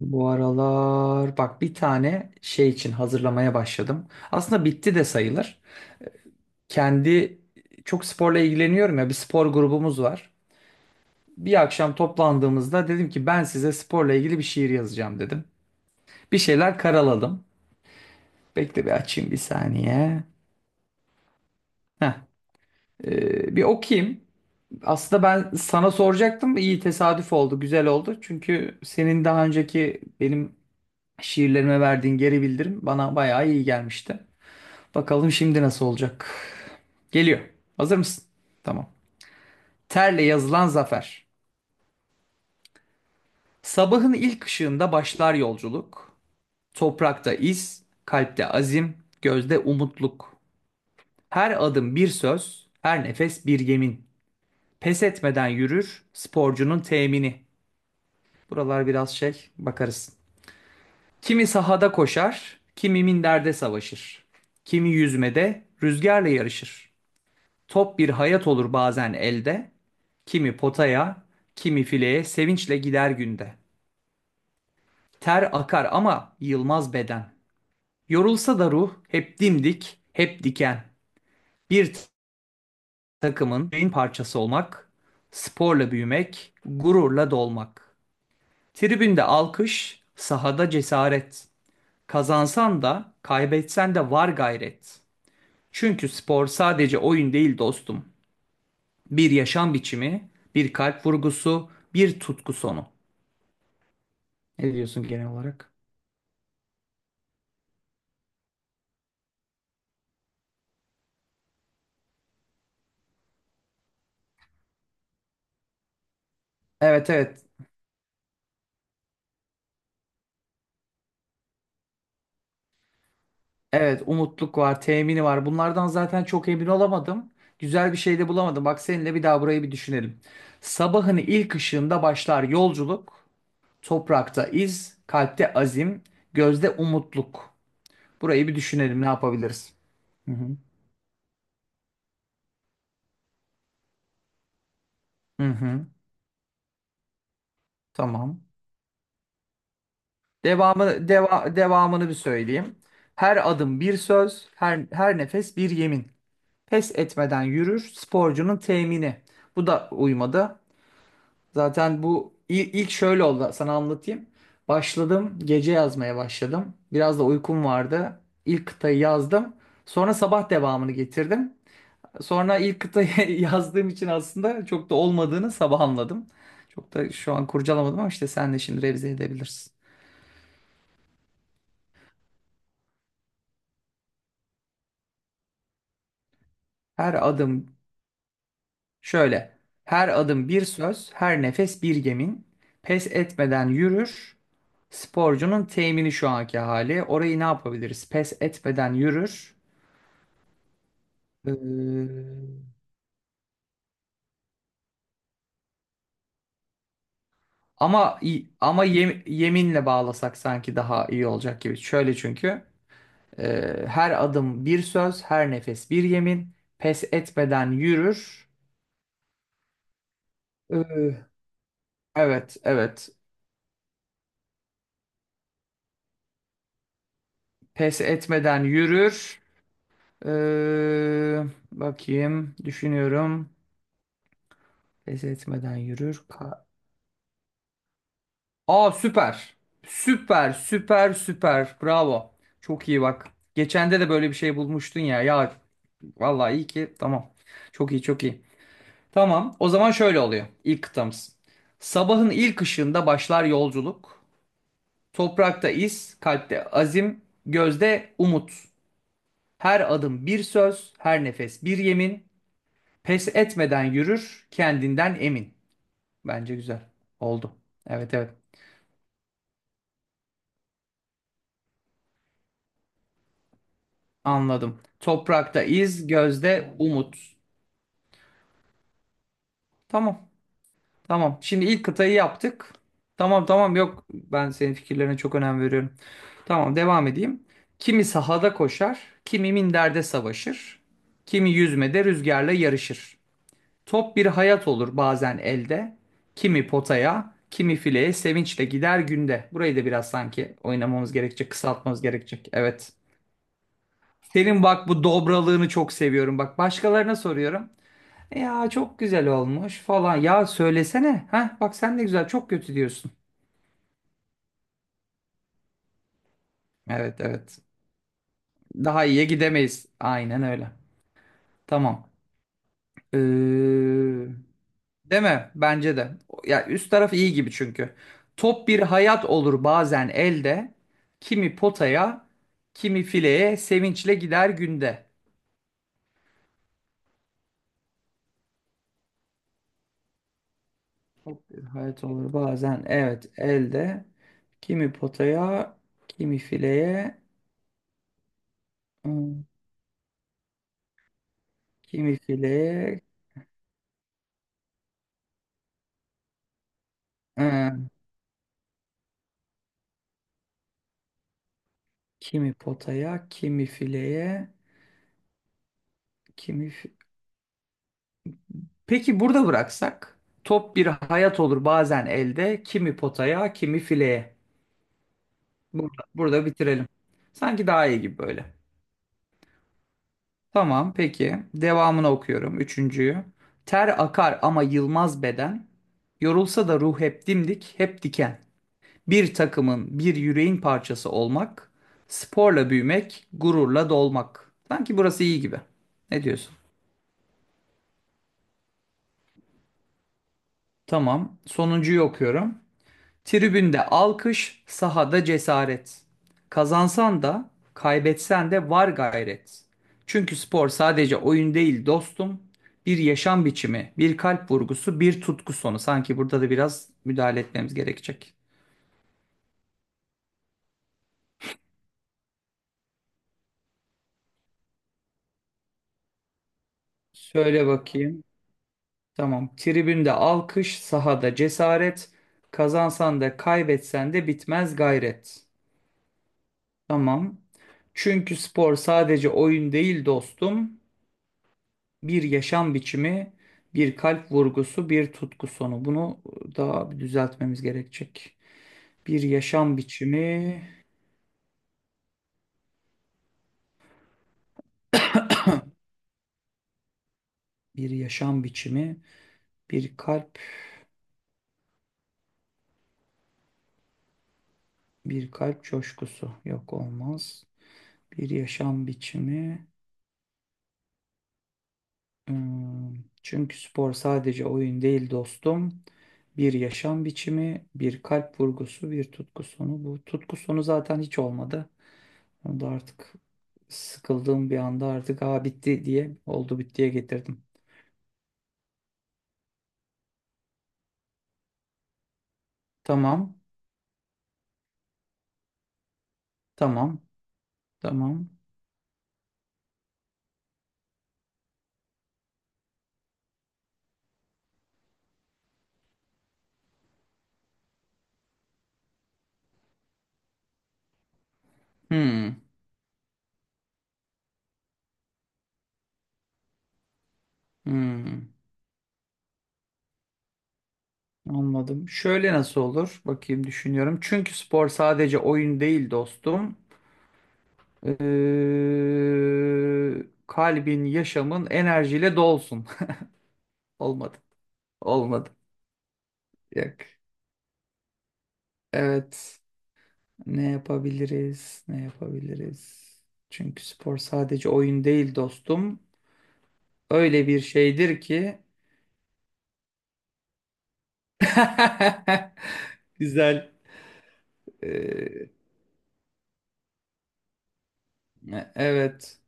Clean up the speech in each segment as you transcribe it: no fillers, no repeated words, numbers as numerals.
Bu aralar bak bir tane şey için hazırlamaya başladım. Aslında bitti de sayılır. Kendi çok sporla ilgileniyorum ya, bir spor grubumuz var. Bir akşam toplandığımızda dedim ki ben size sporla ilgili bir şiir yazacağım dedim. Bir şeyler karaladım. Bekle bir açayım bir saniye. Heh, bir okuyayım. Aslında ben sana soracaktım. İyi tesadüf oldu, güzel oldu. Çünkü senin daha önceki benim şiirlerime verdiğin geri bildirim bana bayağı iyi gelmişti. Bakalım şimdi nasıl olacak. Geliyor. Hazır mısın? Tamam. Terle yazılan zafer. Sabahın ilk ışığında başlar yolculuk. Toprakta iz, kalpte azim, gözde umutluk. Her adım bir söz, her nefes bir yemin. Pes etmeden yürür sporcunun temini. Buralar biraz şey, bakarız. Kimi sahada koşar, kimi minderde savaşır. Kimi yüzmede, rüzgarla yarışır. Top bir hayat olur bazen elde. Kimi potaya, kimi fileye sevinçle gider günde. Ter akar ama yılmaz beden. Yorulsa da ruh hep dimdik, hep diken. Bir takımın beyin parçası olmak, sporla büyümek, gururla dolmak. Tribünde alkış, sahada cesaret. Kazansan da, kaybetsen de var gayret. Çünkü spor sadece oyun değil dostum. Bir yaşam biçimi, bir kalp vurgusu, bir tutku sonu. Ne diyorsun genel olarak? Evet, evet. Evet, umutluk var, temini var. Bunlardan zaten çok emin olamadım. Güzel bir şey de bulamadım. Bak seninle bir daha burayı bir düşünelim. Sabahın ilk ışığında başlar yolculuk. Toprakta iz, kalpte azim, gözde umutluk. Burayı bir düşünelim, ne yapabiliriz? Hı hı. Hı hı, tamam. Devamı, deva, devamını bir söyleyeyim. Her adım bir söz, her nefes bir yemin. Pes etmeden yürür, sporcunun temini. Bu da uymadı. Zaten ilk şöyle oldu, sana anlatayım. Başladım, gece yazmaya başladım. Biraz da uykum vardı. İlk kıtayı yazdım. Sonra sabah devamını getirdim. Sonra ilk kıtayı yazdığım için aslında çok da olmadığını sabah anladım. Çok da şu an kurcalamadım ama işte sen de şimdi revize edebilirsin. Her adım şöyle. Her adım bir söz, her nefes bir yemin. Pes etmeden yürür. Sporcunun temini şu anki hali. Orayı ne yapabiliriz? Pes etmeden yürür. Ee, ama yeminle bağlasak sanki daha iyi olacak gibi. Şöyle, çünkü her adım bir söz, her nefes bir yemin. Pes etmeden yürür. Ee, evet, evet. Pes etmeden yürür. Ee, bakayım, düşünüyorum. Pes etmeden yürür. Ka- Aa, süper. Süper, süper, süper. Bravo. Çok iyi bak. Geçende de böyle bir şey bulmuştun ya. Ya, vallahi iyi ki tamam. Çok iyi, çok iyi. Tamam, o zaman şöyle oluyor ilk kıtamız. Sabahın ilk ışığında başlar yolculuk. Toprakta iz, kalpte azim, gözde umut. Her adım bir söz, her nefes bir yemin. Pes etmeden yürür, kendinden emin. Bence güzel. Oldu. Evet, evet, anladım. Toprakta iz, gözde umut. Tamam. Tamam. Şimdi ilk kıtayı yaptık. Tamam, tamam, yok. Ben senin fikirlerine çok önem veriyorum. Tamam, devam edeyim. Kimi sahada koşar, kimi minderde savaşır, kimi yüzmede rüzgarla yarışır. Top bir hayat olur bazen elde, kimi potaya, kimi fileye sevinçle gider günde. Burayı da biraz sanki oynamamız gerekecek, kısaltmamız gerekecek. Evet. Senin bak bu dobralığını çok seviyorum. Bak başkalarına soruyorum. Ya çok güzel olmuş falan. Ya söylesene. Ha bak sen de güzel, çok kötü diyorsun. Evet, evet. Daha iyiye gidemeyiz. Aynen öyle. Tamam. Ee, değil mi? Bence de. Ya üst taraf iyi gibi çünkü. Top bir hayat olur bazen elde. Kimi potaya, kimi fileye sevinçle gider günde. Hayat olur bazen, evet, elde. Kimi potaya, kimi fileye, hmm, kimi fileye. Kimi potaya, kimi fileye, kimi... fi- Peki burada bıraksak, top bir hayat olur bazen elde, kimi potaya, kimi fileye. Burada, burada bitirelim. Sanki daha iyi gibi böyle. Tamam, peki. Devamını okuyorum. Üçüncüyü. Ter akar ama yılmaz beden. Yorulsa da ruh hep dimdik, hep diken. Bir takımın, bir yüreğin parçası olmak. Sporla büyümek, gururla dolmak. Sanki burası iyi gibi. Ne diyorsun? Tamam. Sonuncuyu okuyorum. Tribünde alkış, sahada cesaret. Kazansan da, kaybetsen de var gayret. Çünkü spor sadece oyun değil dostum. Bir yaşam biçimi, bir kalp vurgusu, bir tutku sonu. Sanki burada da biraz müdahale etmemiz gerekecek. Söyle bakayım. Tamam. Tribünde alkış, sahada cesaret. Kazansan da kaybetsen de bitmez gayret. Tamam. Çünkü spor sadece oyun değil dostum. Bir yaşam biçimi, bir kalp vurgusu, bir tutku sonu. Bunu daha bir düzeltmemiz gerekecek. Bir yaşam biçimi, bir yaşam biçimi, bir kalp, bir kalp coşkusu. Yok, olmaz. Bir yaşam biçimi. Hmm. Çünkü spor sadece oyun değil dostum. Bir yaşam biçimi, bir kalp vurgusu, bir tutku sonu. Bu tutku sonu zaten hiç olmadı. Onu da artık sıkıldığım bir anda artık aa bitti diye oldu bittiye getirdim. Tamam. Tamam. Tamam. Hmm. Hmm. Anladım. Şöyle nasıl olur? Bakayım, düşünüyorum. Çünkü spor sadece oyun değil dostum. Kalbin, yaşamın enerjiyle dolsun. Olmadı. Olmadı. Yok. Evet. Ne yapabiliriz? Ne yapabiliriz? Çünkü spor sadece oyun değil dostum. Öyle bir şeydir ki güzel. Ee, evet,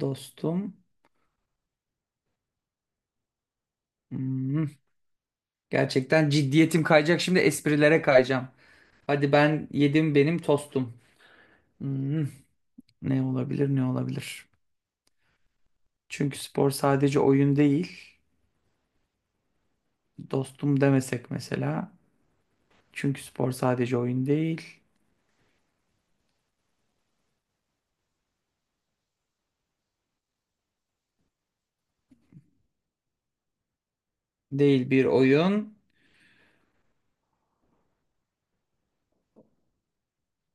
dostum. Hmm. Gerçekten ciddiyetim kayacak. Şimdi esprilere kayacağım. Hadi ben yedim benim tostum. Hmm. Ne olabilir, ne olabilir? Çünkü spor sadece oyun değil. Dostum demesek mesela. Çünkü spor sadece oyun değil. Değil bir oyun.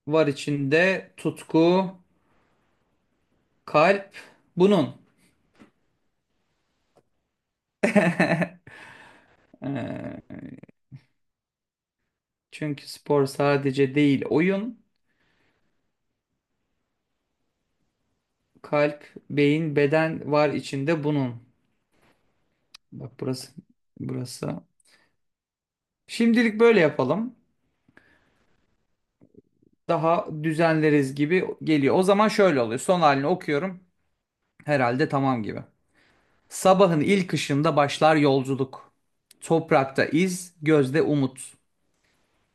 Var içinde tutku, kalp, bunun. Ee, çünkü spor sadece değil oyun, kalp, beyin, beden var içinde bunun. Bak burası, burası. Şimdilik böyle yapalım. Daha düzenleriz gibi geliyor. O zaman şöyle oluyor. Son halini okuyorum. Herhalde tamam gibi. Sabahın ilk ışığında başlar yolculuk. Toprakta iz, gözde umut.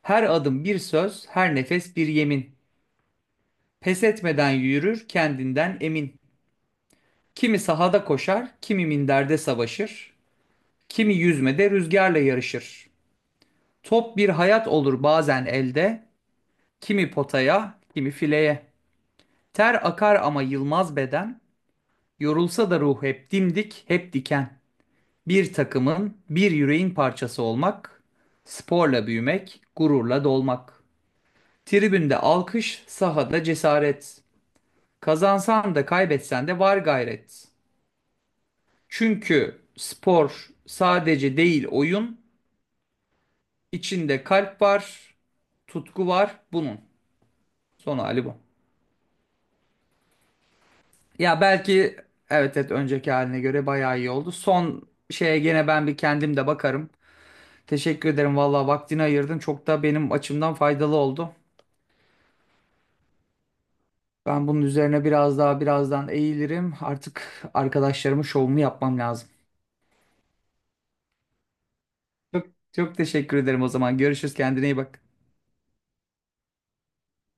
Her adım bir söz, her nefes bir yemin. Pes etmeden yürür, kendinden emin. Kimi sahada koşar, kimi minderde savaşır. Kimi yüzmede rüzgarla yarışır. Top bir hayat olur bazen elde, kimi potaya, kimi fileye. Ter akar ama yılmaz beden, yorulsa da ruh hep dimdik, hep diken. Bir takımın, bir yüreğin parçası olmak, sporla büyümek, gururla dolmak. Tribünde alkış, sahada cesaret. Kazansan da kaybetsen de var gayret. Çünkü spor sadece değil oyun, İçinde kalp var, tutku var bunun. Son hali bu. Ya belki, evet, evet, önceki haline göre bayağı iyi oldu. Son şeye gene ben bir kendim de bakarım. Teşekkür ederim vallahi, vaktini ayırdın. Çok da benim açımdan faydalı oldu. Ben bunun üzerine biraz daha birazdan eğilirim. Artık arkadaşlarımın şovunu yapmam lazım. Çok, çok teşekkür ederim o zaman. Görüşürüz. Kendine iyi bak.